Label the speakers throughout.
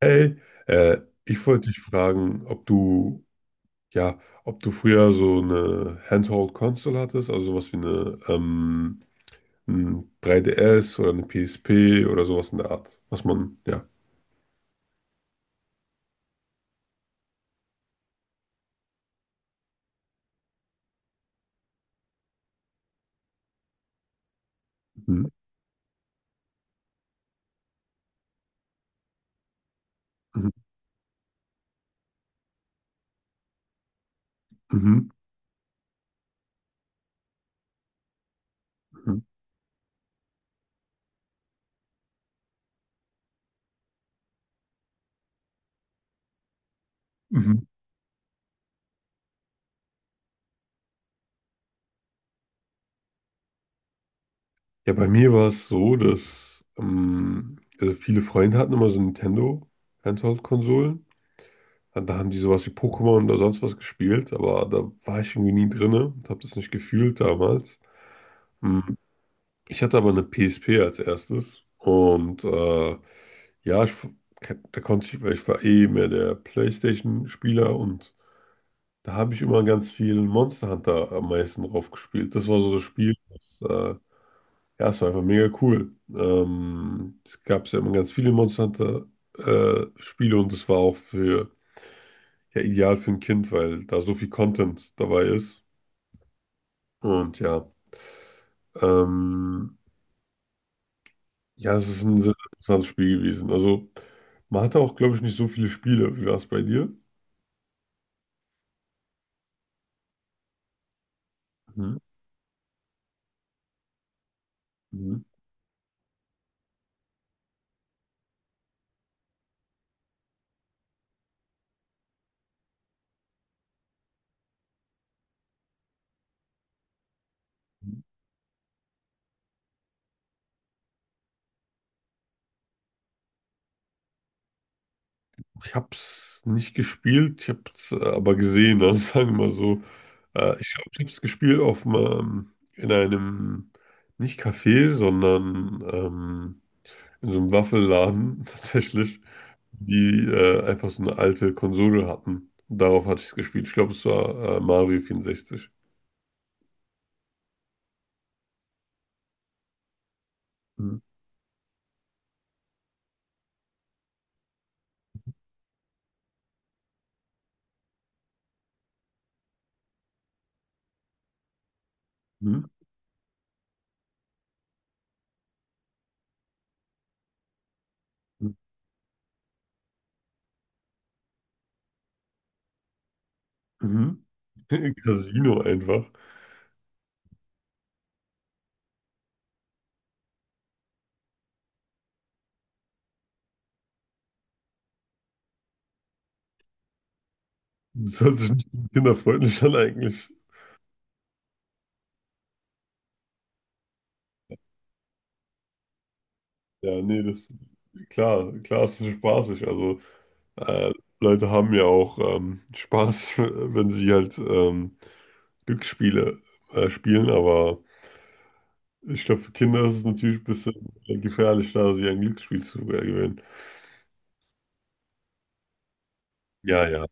Speaker 1: Hey, äh, ich wollte dich fragen, ja, ob du früher so eine Handheld-Console hattest, also sowas wie ein 3DS oder eine PSP oder sowas in der Art, was man, ja. Mhm. Mhm. Mhm. Mhm. Mhm. Ja, bei mir war es so, dass also viele Freunde hatten immer so Nintendo Handheld-Konsolen. Und da haben die sowas wie Pokémon oder sonst was gespielt, aber da war ich irgendwie nie drinne, habe das nicht gefühlt damals. Mhm. Ich hatte aber eine PSP als erstes und ja, da konnte ich, weil ich war eh mehr der PlayStation-Spieler und da habe ich immer ganz viel Monster Hunter am meisten drauf gespielt. Das war so das Spiel, ja, es war einfach mega cool. Es gab ja immer ganz viele Monster Hunter Spiele und das war auch für, ja, ideal für ein Kind, weil da so viel Content dabei ist und ähm, Ja, es ist ein sehr interessantes Spiel gewesen. Also, man hatte auch, glaube ich, nicht so viele Spiele. Wie war es bei dir? Mhm. Mhm. Ich habe es nicht gespielt, ich habe es aber gesehen, also sagen wir mal so. Ich glaube, ich habe es gespielt auf einem, in einem, nicht Café, sondern in so einem Waffelladen tatsächlich, die einfach so eine alte Konsole hatten. Darauf hatte ich es gespielt. Ich glaube, es war Mario 64. Mhm. Mhm. Mhm. Casino einfach. Das hört sich nicht so kinderfreundlich an eigentlich. Ja, nee, das klar, klar ist es spaßig. Also äh, Leute haben ja auch Spaß, wenn sie halt Glücksspiele spielen, aber ich glaube, für Kinder ist es natürlich ein bisschen gefährlich, da sie ein Glücksspiel zu gewinnen. Ja, ja.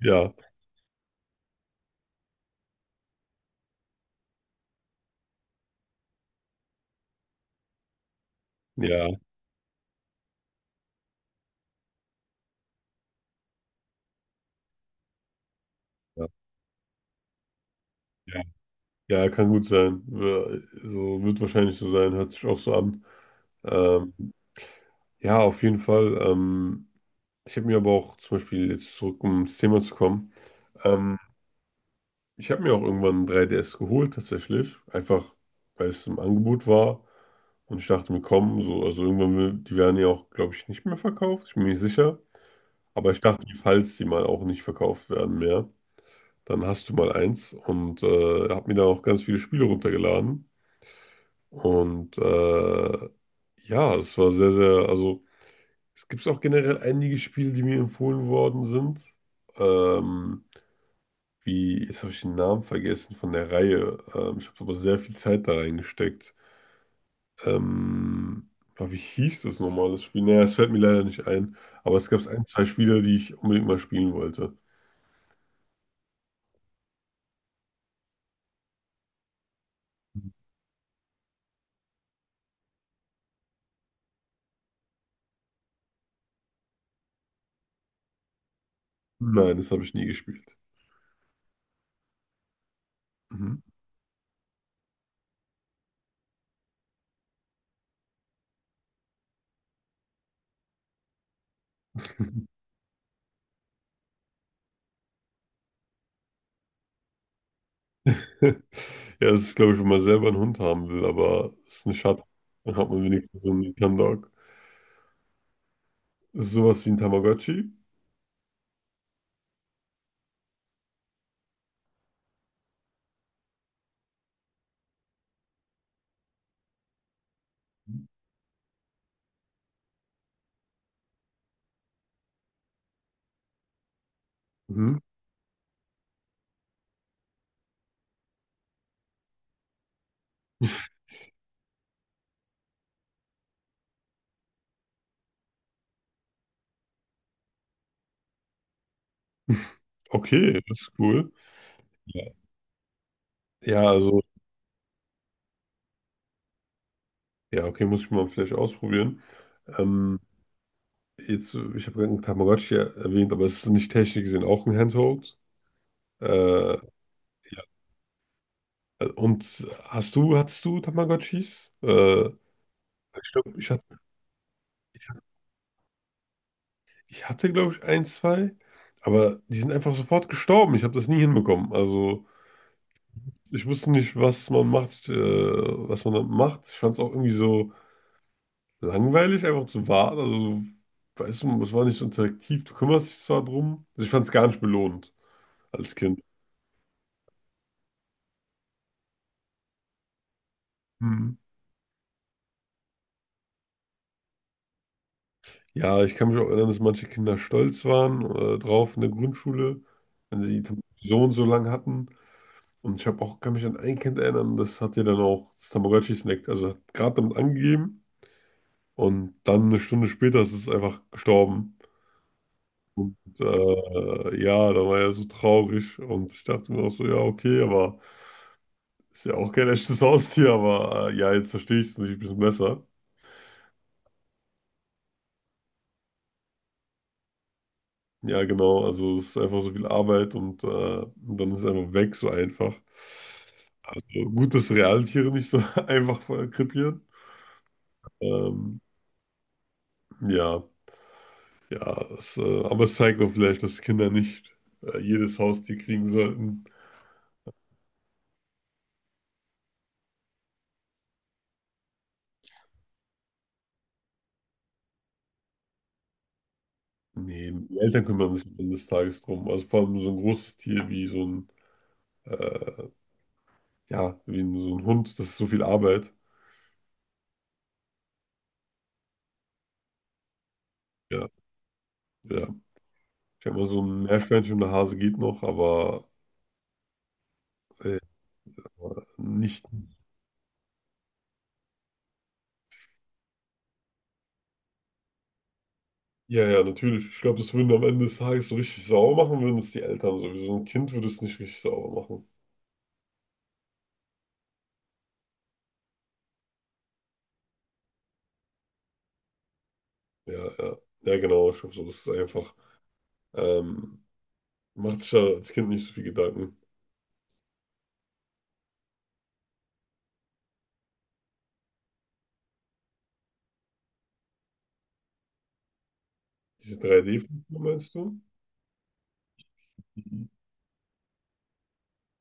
Speaker 1: Ja, ja, ja, ja. Ja, kann gut sein. So wird wahrscheinlich so sein, hört sich auch so an. Ähm, ja, auf jeden Fall. Ich habe mir aber auch zum Beispiel jetzt zurück, um ins Thema zu kommen, ähm, ich habe mir auch irgendwann ein 3DS geholt tatsächlich, einfach weil es im Angebot war und ich dachte mir, komm, so, also irgendwann, die werden ja auch, glaube ich, nicht mehr verkauft, ich bin mir nicht sicher, aber ich dachte mir, falls die mal auch nicht verkauft werden mehr, dann hast du mal eins und habe mir dann auch ganz viele Spiele runtergeladen und ja, es war sehr, sehr, also es gibt auch generell einige Spiele, die mir empfohlen worden sind. Ähm, jetzt habe ich den Namen vergessen von der Reihe. Ich habe aber sehr viel Zeit da reingesteckt. Ähm, aber wie hieß das nochmal, das Spiel? Naja, es fällt mir leider nicht ein. Aber es gab ein, zwei Spiele, die ich unbedingt mal spielen wollte. Nein, das habe ich nie gespielt. Mhm. Ja, das ist, glaube ich, wenn man selber einen Hund haben will, aber es ist eine Schande. Dann hat man wenigstens so einen Nintendog. Ist sowas wie ein Tamagotchi? Mhm. Okay, das ist cool. Ja, ja also, ja, okay, muss ich mal vielleicht ausprobieren. Ähm, Jetzt, ich habe einen Tamagotchi erwähnt, aber es ist nicht technisch gesehen auch ein Handheld. Äh, ja. Und hattest du Tamagotchis? Ich glaube, ich hatte, glaube ich, ein, zwei, aber die sind einfach sofort gestorben. Ich habe das nie hinbekommen. Also, ich wusste nicht, was man da macht. Ich fand es auch irgendwie so langweilig, einfach zu warten. Also, weißt du, es war nicht so interaktiv. Du kümmerst dich zwar drum. Also, ich fand es gar nicht belohnt als Kind. Ja, ich kann mich auch erinnern, dass manche Kinder stolz waren drauf in der Grundschule, wenn sie so und so lang hatten. Und ich habe auch, kann mich an ein Kind erinnern, das hat ja dann auch das Tamagotchi snackt. Also hat gerade damit angegeben und dann eine Stunde später ist es einfach gestorben. Und ja, da war er so traurig und ich dachte mir auch so, ja, okay, aber ist ja auch kein echtes Haustier, aber ja, jetzt verstehe ich es natürlich ein bisschen besser. Ja, genau. Also es ist einfach so viel Arbeit und dann ist es einfach weg, so einfach. Also gut, dass Realtiere nicht so einfach krepieren. Ähm, ja, ja, es, aber es zeigt auch vielleicht, dass Kinder nicht jedes Haustier kriegen sollten. Nee, die Eltern kümmern sich am Ende des Tages drum. Also vor allem so ein großes Tier wie so ein, äh, ja, so ein Hund, das ist so viel Arbeit. Ja, ja. Ich sag mal, so ein Meerschweinchen und ein Hase geht noch, aber äh, nicht. Ja, ja, natürlich. Ich glaube, das würden am Ende des Tages so richtig sauer machen, würden es die Eltern sowieso. Ein Kind würde es nicht richtig sauer machen. Ja, ja. Ja, genau. Ich glaube, so, das ist einfach. Ähm, Macht sich da als Kind nicht so viel Gedanken. Diese 3D-Filme, meinst du? Mhm.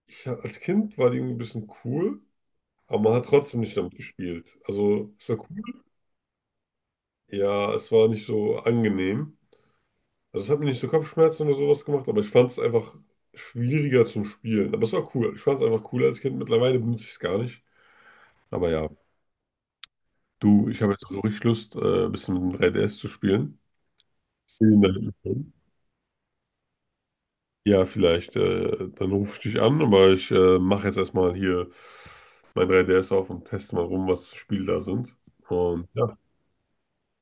Speaker 1: Als Kind war die irgendwie ein bisschen cool, aber man hat trotzdem nicht damit gespielt. Also, es war cool. Ja, es war nicht so angenehm. Also, es hat mir nicht so Kopfschmerzen oder sowas gemacht, aber ich fand es einfach schwieriger zum Spielen. Aber es war cool. Ich fand es einfach cool als Kind. Mittlerweile benutze ich es gar nicht. Aber ja. Du, ich habe jetzt so richtig Lust, ein bisschen mit dem 3DS zu spielen. Vielen Dank. Ja, vielleicht. Dann rufe ich dich an, aber ich mache jetzt erstmal hier mein 3DS auf und teste mal rum, was für Spiele da sind. Und ja,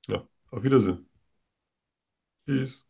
Speaker 1: ja, auf Wiedersehen. Tschüss.